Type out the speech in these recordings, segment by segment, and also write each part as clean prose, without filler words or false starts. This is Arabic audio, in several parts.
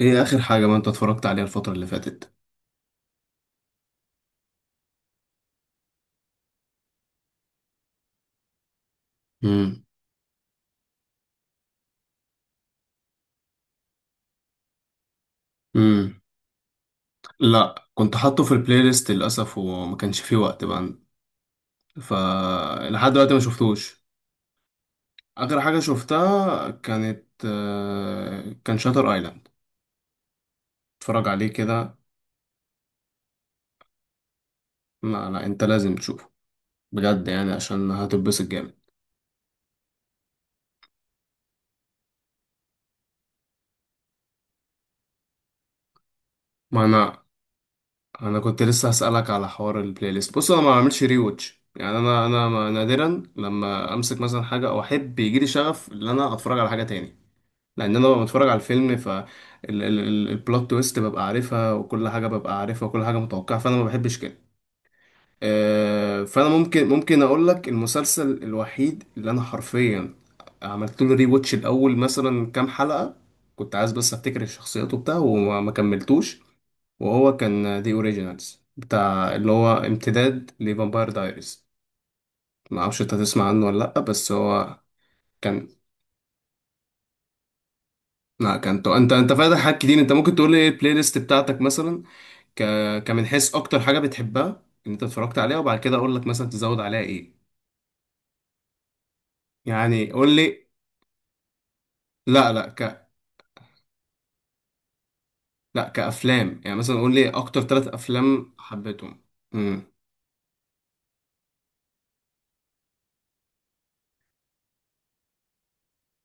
ايه اخر حاجة ما انت اتفرجت عليها الفترة اللي فاتت؟ امم. امم. لا، كنت حاطه في البلاي ليست للاسف وما كانش فيه وقت بقى. ف لحد دلوقتي ما شفتوش. اخر حاجة شفتها كان شاتر ايلاند. اتفرج عليه كده. لا لا، انت لازم تشوفه بجد، يعني عشان هتتبسط جامد. ما انا كنت لسه هسألك على حوار البلاي ليست. بص انا ما بعملش ري واتش، يعني انا انا ما- نادرا لما امسك مثلا حاجة او احب يجيلي شغف ان انا اتفرج على حاجة تاني، لان انا ببقى بتفرج على الفيلم. البلوت تويست ببقى عارفها وكل حاجه ببقى عارفها وكل حاجه متوقعه، فانا ما بحبش كده. فانا ممكن اقول لك المسلسل الوحيد اللي انا حرفيا عملت له ري واتش الاول مثلا كام حلقه. كنت عايز بس افتكر الشخصيات وبتاع وما ما كملتوش. وهو كان دي اوريجينالز بتاع، اللي هو امتداد لفامباير دايريز. ما اعرفش انت تسمع عنه ولا لا، بس هو كان، لا كان انت فاتح حاجات كتير. انت ممكن تقول لي ايه البلاي ليست بتاعتك مثلا؟ ك... كمن حيث اكتر حاجه بتحبها ان انت اتفرجت عليها، وبعد كده اقول لك مثلا تزود عليها ايه. يعني قول لي. لا لا. لا، كافلام يعني، مثلا قول لي اكتر ثلاث افلام حبيتهم. امم.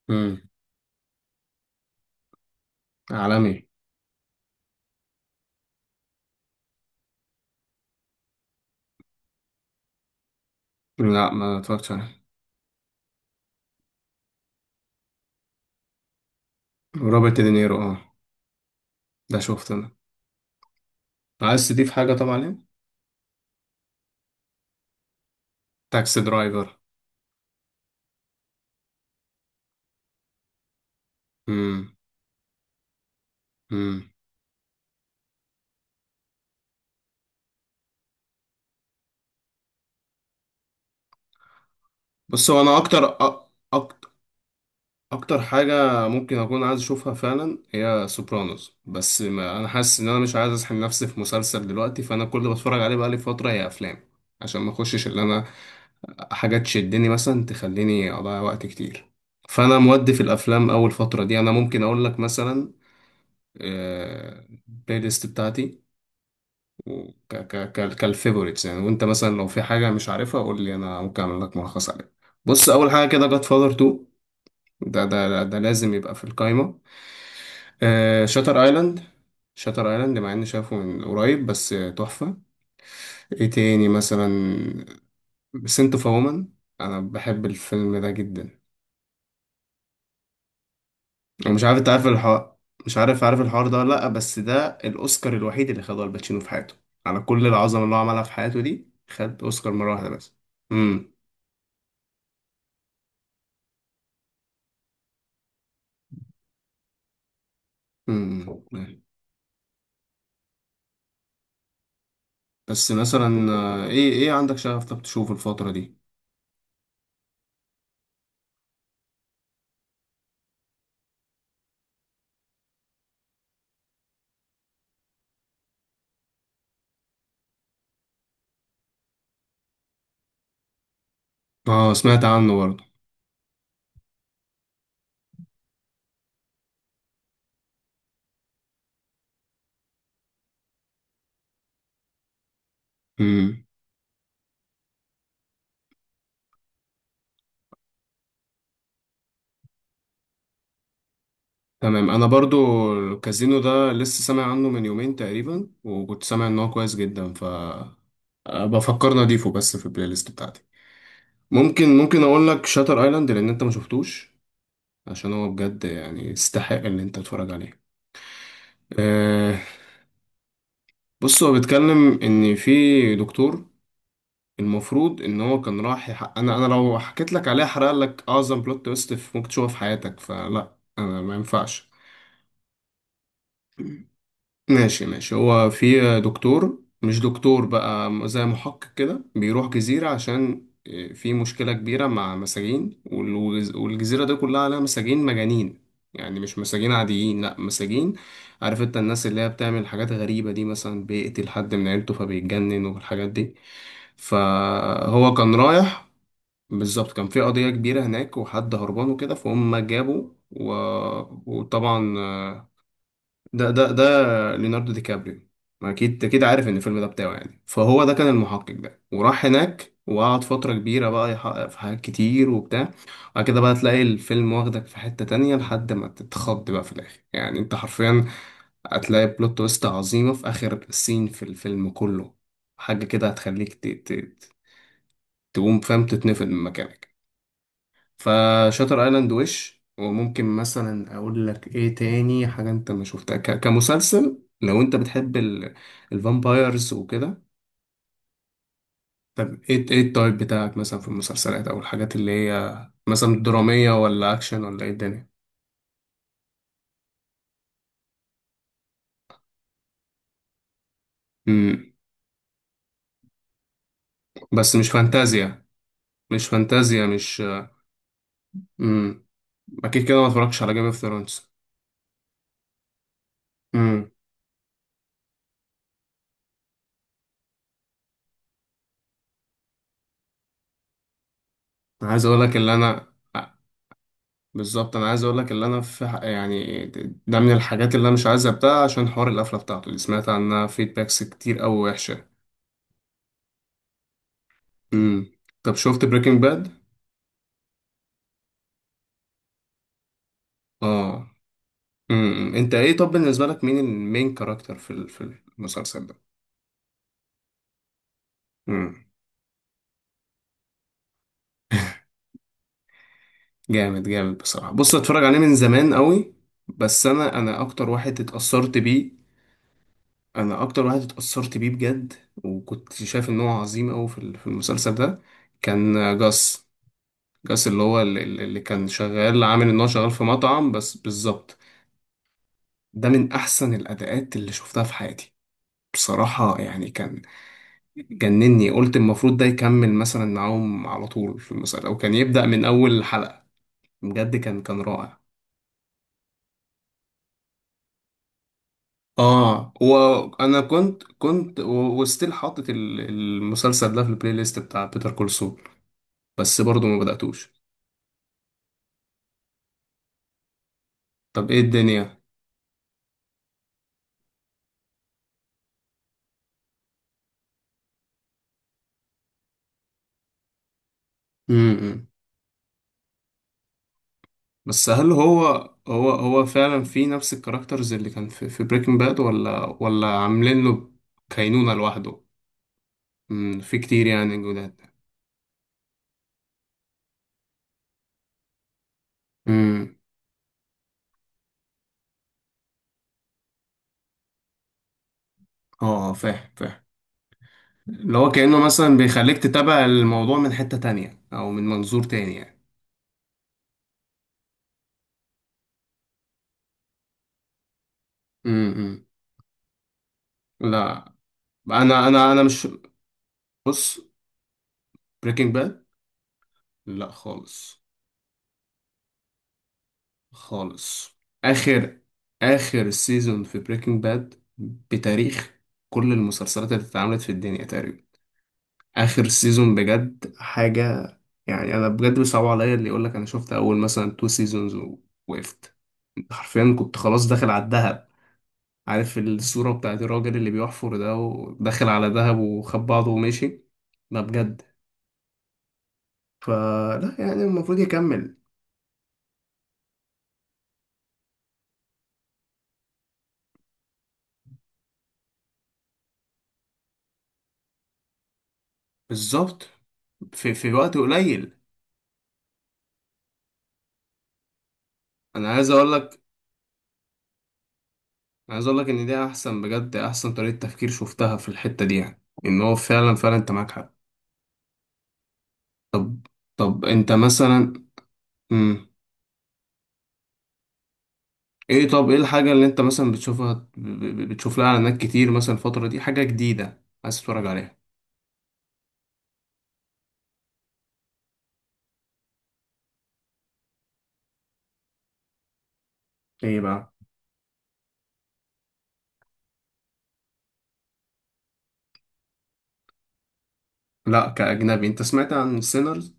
امم. عالمي. لا، ما اتفرجتش عليه. روبرت دينيرو، اه. ده شفته انا. عايز تضيف حاجه طبعا ليه. تاكسي درايفر. امم. امم. بص هو انا اكتر، اكتر حاجه ممكن اكون عايز اشوفها فعلا هي سوبرانوس، بس ما انا حاسس ان انا مش عايز اسحب نفسي في مسلسل دلوقتي. فانا كل اللي بتفرج عليه بقالي فتره هي افلام، عشان ما اخشش اللي انا، حاجات تشدني مثلا تخليني اضيع وقت كتير. فانا مودي في الافلام اول فتره دي. انا ممكن اقول لك مثلا، البلاي ليست بتاعتي كالفيفوريتس يعني، وانت مثلا لو في حاجه مش عارفها قول لي انا ممكن اعمل لك ملخص عليها. بص اول حاجه كده، جاد فاذر 2. ده لازم يبقى في القايمه. شاتر ايلاند. شاتر ايلاند مع اني شايفه من قريب، بس تحفة. ايه تاني مثلا؟ سنت اوف وومن. انا بحب الفيلم ده جدا. ومش عارف انت عارف الحوار، مش عارف الحوار ده ولا لا، بس ده الاوسكار الوحيد اللي خده الباتشينو في حياته. على كل العظمة اللي هو عملها في حياته دي، خد اوسكار مرة واحدة بس. امم. امم. بس مثلا، ايه عندك شغف طب تشوف الفترة دي؟ اه سمعت عنه. برضه. تمام. انا برضو، الكازينو ده لسه سامع عنه من يومين تقريبا، وكنت سامع ان هو كويس جدا. بفكر اضيفه بس في البلاي ليست بتاعتي. ممكن اقول لك شاتر ايلاند لان انت ما شفتوش، عشان هو بجد يعني يستحق ان انت تتفرج عليه. أه. بص هو بيتكلم ان في دكتور، المفروض ان هو كان راح يحقق. انا لو حكيت لك عليه هحرق لك اعظم بلوت تويست ممكن تشوفها في حياتك، فلا انا ما ينفعش. ماشي ماشي. هو في دكتور، مش دكتور بقى، زي محقق كده، بيروح جزيرة عشان في مشكلة كبيرة مع مساجين. والجزيرة دي كلها عليها مساجين مجانين. يعني مش مساجين عاديين، لأ مساجين، عارف انت الناس اللي هي بتعمل حاجات غريبة دي، مثلا بيقتل حد من عيلته فبيتجنن والحاجات دي. فهو كان رايح، بالظبط كان في قضية كبيرة هناك وحد هربان وكده، فهم جابوا وطبعا، ده ده ده ليوناردو دي كابريو. ما اكيد عارف ان الفيلم ده بتاعه يعني. فهو ده كان المحقق، ده وراح هناك وقعد فترة كبيرة بقى يحقق في حاجات كتير وبتاع. وبعد كده بقى تلاقي الفيلم واخدك في حتة تانية لحد ما تتخض بقى في الآخر. يعني انت حرفيا هتلاقي بلوت تويست عظيمة في آخر سين في الفيلم كله. حاجة كده هتخليك ت- تقوم فاهم، تتنفض من مكانك. فشاتر ايلاند. وش وممكن مثلا اقول لك ايه تاني حاجه انت ما شفتها، كمسلسل، لو انت بتحب الفامبايرز وكده. طب ايه التايب بتاعك مثلا في المسلسلات او الحاجات اللي هي مثلا دراميه ولا اكشن ولا ايه الدنيا؟ امم. بس مش فانتازيا، مش فانتازيا مش. امم. اكيد كده ما اتفرجتش على جيم اوف ثرونز. امم. عايز اقول لك اللي انا، بالظبط انا عايز اقول لك اللي انا يعني، ده من الحاجات اللي انا مش عايز ابدأها، عشان حوار القفله بتاعته اللي سمعت عنها فيدباكس كتير قوي وحشه. امم. طب شفت بريكنج باد؟ اه. امم. امم. انت ايه طب بالنسبه لك مين كاركتر في المسلسل ده؟ امم. جامد جامد بصراحه. بص اتفرج عليه من زمان قوي، بس انا اكتر واحد اتأثرت بيه. انا اكتر واحد اتأثرت بيه بجد، وكنت شايف ان هو عظيم قوي في المسلسل ده. كان جاس. جاس اللي هو، اللي كان شغال، عامل ان هو شغال في مطعم بس بالظبط. ده من احسن الاداءات اللي شفتها في حياتي بصراحة، يعني كان جنني. قلت المفروض ده يكمل مثلا معاهم على طول في المسلسل، او كان يبدأ من اول حلقة. بجد كان رائع. اه، وانا كنت وستيل حاطط المسلسل ده في البلاي ليست، بتاع بيتر كول سول. بس برضه ما بدأتوش. طب ايه الدنيا؟ بس هل هو، هو فعلا في نفس الكاركترز اللي كان في بريكنج باد، ولا عاملين له كينونة لوحده؟ في كتير يعني جداد. امم. اه فاهم فاهم، اللي هو كأنه مثلا بيخليك تتابع الموضوع من حتة تانية او من منظور تاني يعني. امم. لا، انا مش، بص، بريكنج باد، لا خالص، خالص. اخر اخر سيزون في بريكنج باد، بتاريخ كل المسلسلات اللي اتعملت في الدنيا تقريبا، اخر سيزون بجد حاجه. يعني انا بجد بيصعب عليا اللي يقول لك انا شفت اول مثلا تو سيزونز ووقفت. انت حرفيا كنت خلاص داخل على الدهب. عارف الصوره بتاعت الراجل اللي بيحفر ده وداخل على دهب وخد بعضه ومشي؟ لا بجد، فلا يعني المفروض يكمل. بالظبط، في وقت قليل. انا عايز اقول لك ان دي احسن، بجد احسن طريقه تفكير شفتها في الحته دي، يعني ان هو فعلا فعلا انت معاك حق. طب طب انت مثلا. مم. طب ايه الحاجة اللي انت مثلا بتشوفها بتشوف لها اعلانات كتير مثلا الفترة دي، حاجة جديدة عايز تتفرج عليها؟ ايه بقى؟ لا كأجنبي، انت سمعت عن سينرز؟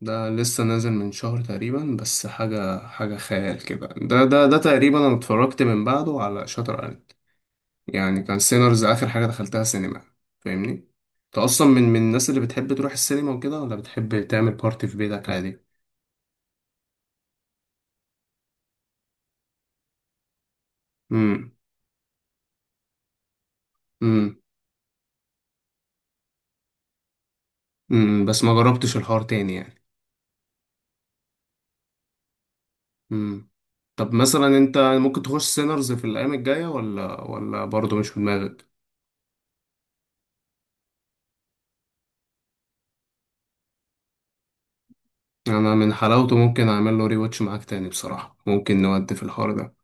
ده لسه نازل من شهر تقريبا، بس حاجة، حاجة خيال كده. ده تقريبا انا اتفرجت من بعده على شاتر ايلاند. يعني كان سينرز اخر حاجة دخلتها سينما، فاهمني؟ انت اصلا من الناس اللي بتحب تروح السينما وكده، ولا بتحب تعمل بارتي في بيتك عادي؟ امم. امم. امم. بس ما جربتش الحوار تاني يعني. مم. طب مثلا انت ممكن تخش سينرز في الايام الجايه، ولا برضه مش في دماغك؟ يعني انا من حلاوته ممكن اعمل له ري واتش معاك تاني بصراحه، ممكن نودي في الحوار ده.